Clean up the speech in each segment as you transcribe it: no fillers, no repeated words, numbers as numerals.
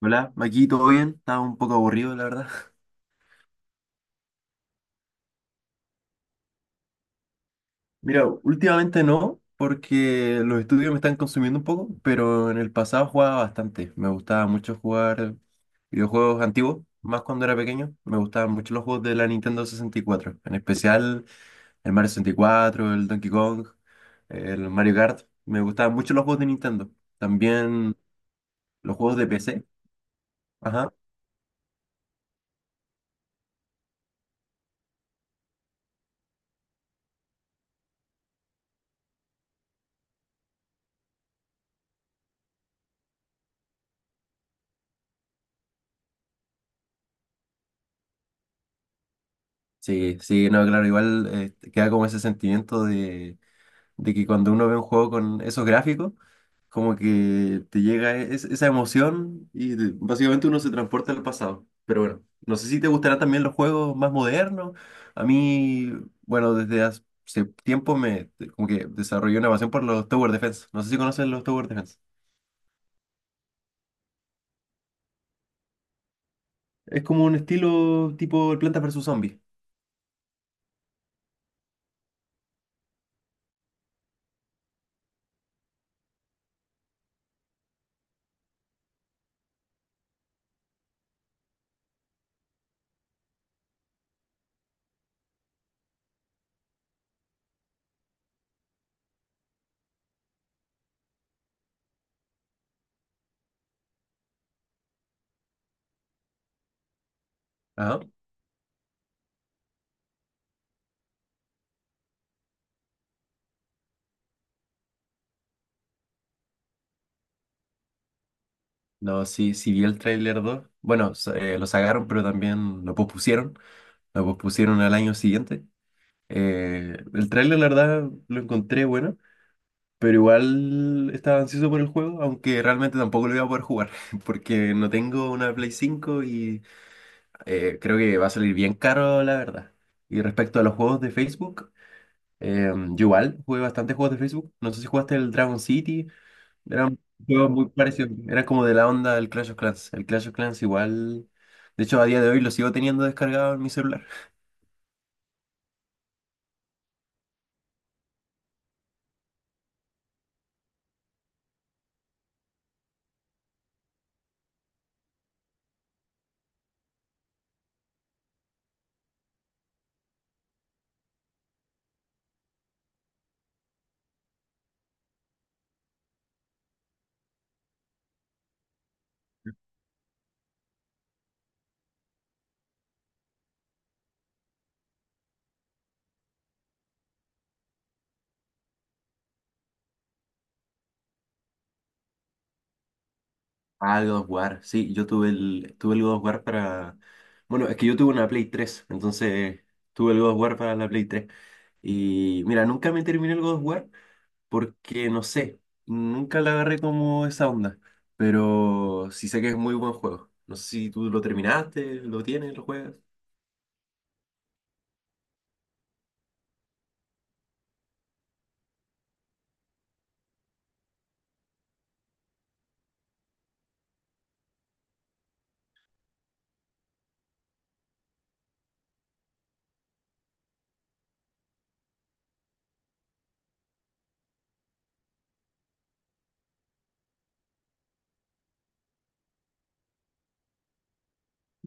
Hola, aquí todo bien, estaba un poco aburrido, la verdad. Mira, últimamente no, porque los estudios me están consumiendo un poco, pero en el pasado jugaba bastante. Me gustaba mucho jugar videojuegos antiguos, más cuando era pequeño. Me gustaban mucho los juegos de la Nintendo 64, en especial el Mario 64, el Donkey Kong, el Mario Kart. Me gustaban mucho los juegos de Nintendo. También los juegos de PC. Ajá. Sí, sí, no, claro, igual queda como ese sentimiento de que cuando uno ve un juego con esos gráficos, como que te llega esa emoción y básicamente uno se transporta al pasado. Pero bueno, no sé si te gustarán también los juegos más modernos. A mí, bueno, desde hace tiempo me como que desarrollé una pasión por los Tower Defense. No sé si conocen los Tower Defense. Es como un estilo tipo el Plantas versus Zombies. Ajá. No, sí, sí vi el tráiler 2. Bueno, lo sacaron, pero también lo pospusieron. Lo pospusieron al año siguiente. El tráiler, la verdad, lo encontré bueno, pero igual estaba ansioso por el juego, aunque realmente tampoco lo iba a poder jugar, porque no tengo una Play 5 y creo que va a salir bien caro, la verdad. Y respecto a los juegos de Facebook, yo igual jugué bastantes juegos de Facebook. No sé si jugaste el Dragon City, eran juegos muy parecidos, eran como de la onda del Clash of Clans. El Clash of Clans igual, de hecho, a día de hoy lo sigo teniendo descargado en mi celular. Ah, God of War. Sí, yo tuve el God of War para... Bueno, es que yo tuve una Play 3, entonces tuve el God of War para la Play 3. Y mira, nunca me terminé el God of War porque, no sé, nunca la agarré como esa onda. Pero sí sé que es muy buen juego. No sé si tú lo terminaste, lo tienes, lo juegas.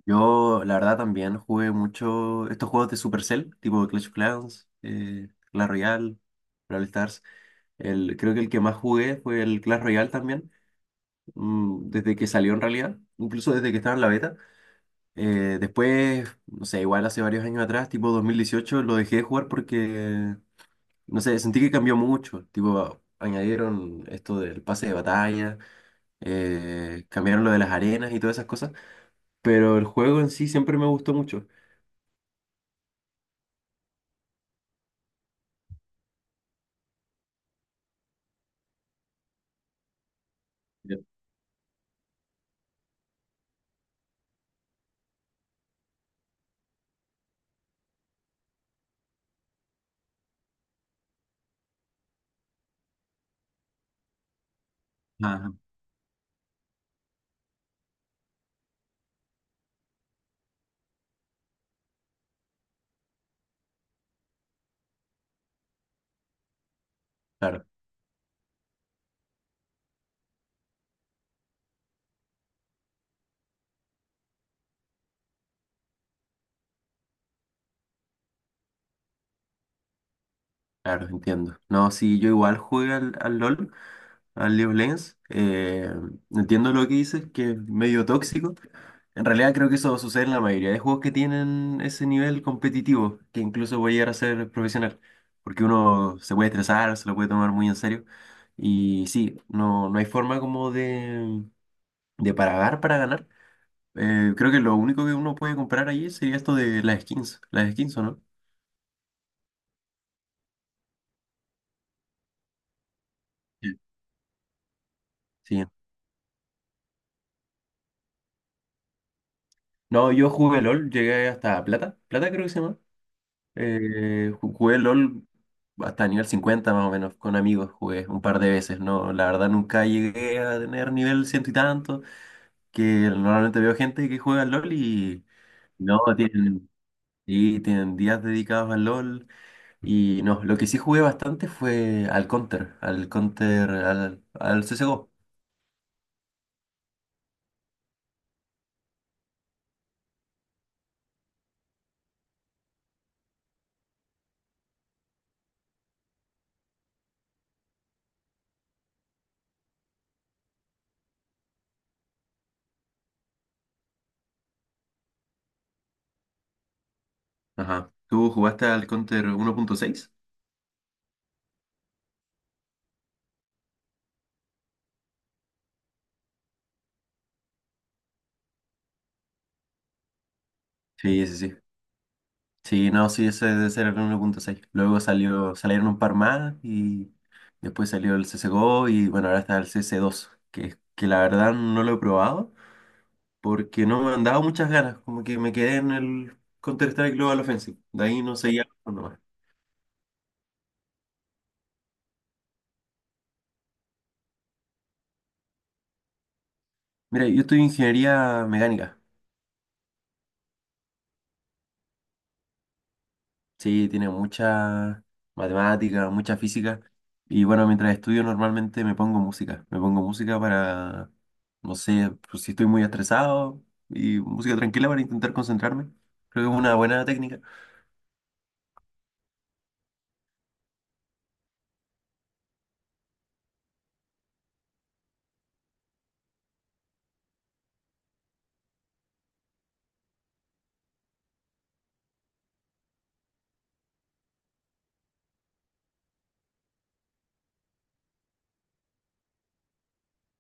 Yo, la verdad, también jugué mucho estos juegos de Supercell, tipo Clash of Clans, Clash Royale, Brawl Stars. El, creo que el que más jugué fue el Clash Royale también. Mm, desde que salió en realidad, incluso desde que estaba en la beta. Después, no sé, igual hace varios años atrás, tipo 2018 lo dejé de jugar porque, no sé, sentí que cambió mucho. Tipo, añadieron esto del pase de batalla, cambiaron lo de las arenas y todas esas cosas, pero el juego en sí siempre me gustó mucho. Ya. Ajá, claro, claro, entiendo. No, sí, yo igual jugué al LOL. Al League of Legends. Entiendo lo que dices, que es medio tóxico. En realidad creo que eso sucede en la mayoría de juegos que tienen ese nivel competitivo, que incluso puede llegar a ser profesional, porque uno se puede estresar, se lo puede tomar muy en serio. Y sí, no, no hay forma como de pagar para ganar. Creo que lo único que uno puede comprar allí sería esto de las skins, ¿o no? Sí. Sí. No, yo jugué LOL, llegué hasta plata, plata creo que se llama. Jugué LOL hasta nivel 50 más o menos, con amigos jugué un par de veces, ¿no? La verdad nunca llegué a tener nivel ciento y tanto, que normalmente veo gente que juega al LOL y no, tienen, y tienen días dedicados al LOL y no, lo que sí jugué bastante fue al CSGO. Ajá. ¿Tú jugaste al Counter uno punto seis? Sí, sí, sí. Sí, no, sí, ese debe ser el 1.6. Luego salieron un par más y después salió el C2, CSGO, y bueno, ahora está el CS2, que la verdad no lo he probado porque no me han dado muchas ganas, como que me quedé en el Counter-Strike Global Offensive, de ahí no seguía jugando más. Mira, yo estudio ingeniería mecánica. Sí, tiene mucha matemática, mucha física. Y bueno, mientras estudio normalmente me pongo música. Me pongo música para, no sé, pues, si estoy muy estresado y música tranquila para intentar concentrarme. Creo que es una buena técnica.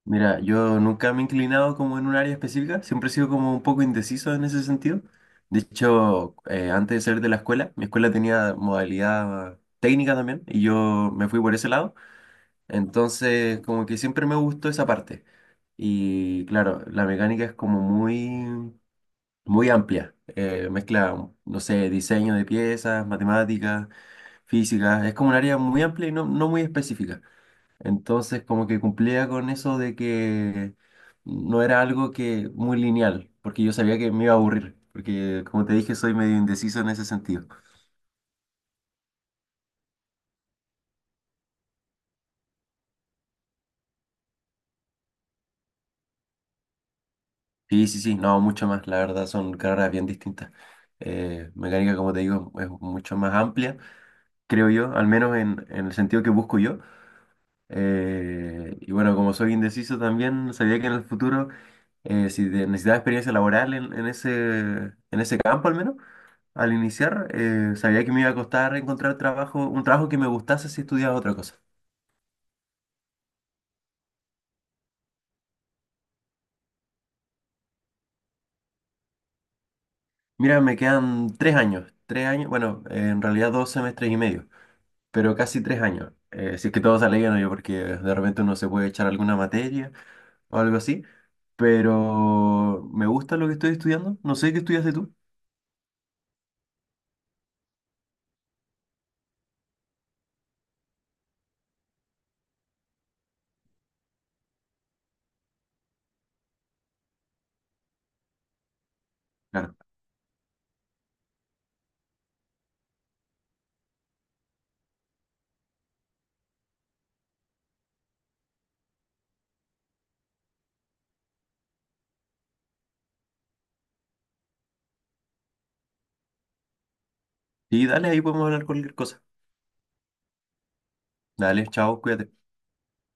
Mira, yo nunca me he inclinado como en un área específica. Siempre he sido como un poco indeciso en ese sentido. De hecho, antes de salir de la escuela, mi escuela tenía modalidad técnica también y yo me fui por ese lado. Entonces, como que siempre me gustó esa parte. Y claro, la mecánica es como muy, muy amplia. Mezcla, no sé, diseño de piezas, matemáticas, física. Es como un área muy amplia y no, no muy específica. Entonces, como que cumplía con eso de que no era algo que muy lineal, porque yo sabía que me iba a aburrir. Porque, como te dije, soy medio indeciso en ese sentido. Sí, sí, sí, no, mucho más. La verdad, son carreras bien distintas. Mecánica, como te digo, es mucho más amplia creo yo, al menos en el sentido que busco yo. Y bueno, como soy indeciso también, sabía que en el futuro, si necesitaba experiencia laboral en, en ese campo al menos, al iniciar, sabía que me iba a costar encontrar trabajo, un trabajo que me gustase si estudiaba otra cosa. Mira, me quedan 3 años, 3 años, bueno, en realidad 2 semestres y medio, pero casi 3 años. Si es que todo sale bien, yo porque de repente uno se puede echar alguna materia o algo así. Pero me gusta lo que estoy estudiando. No sé qué estudiaste tú. Claro. Y dale, ahí podemos hablar cualquier cosa. Dale, chao, cuídate.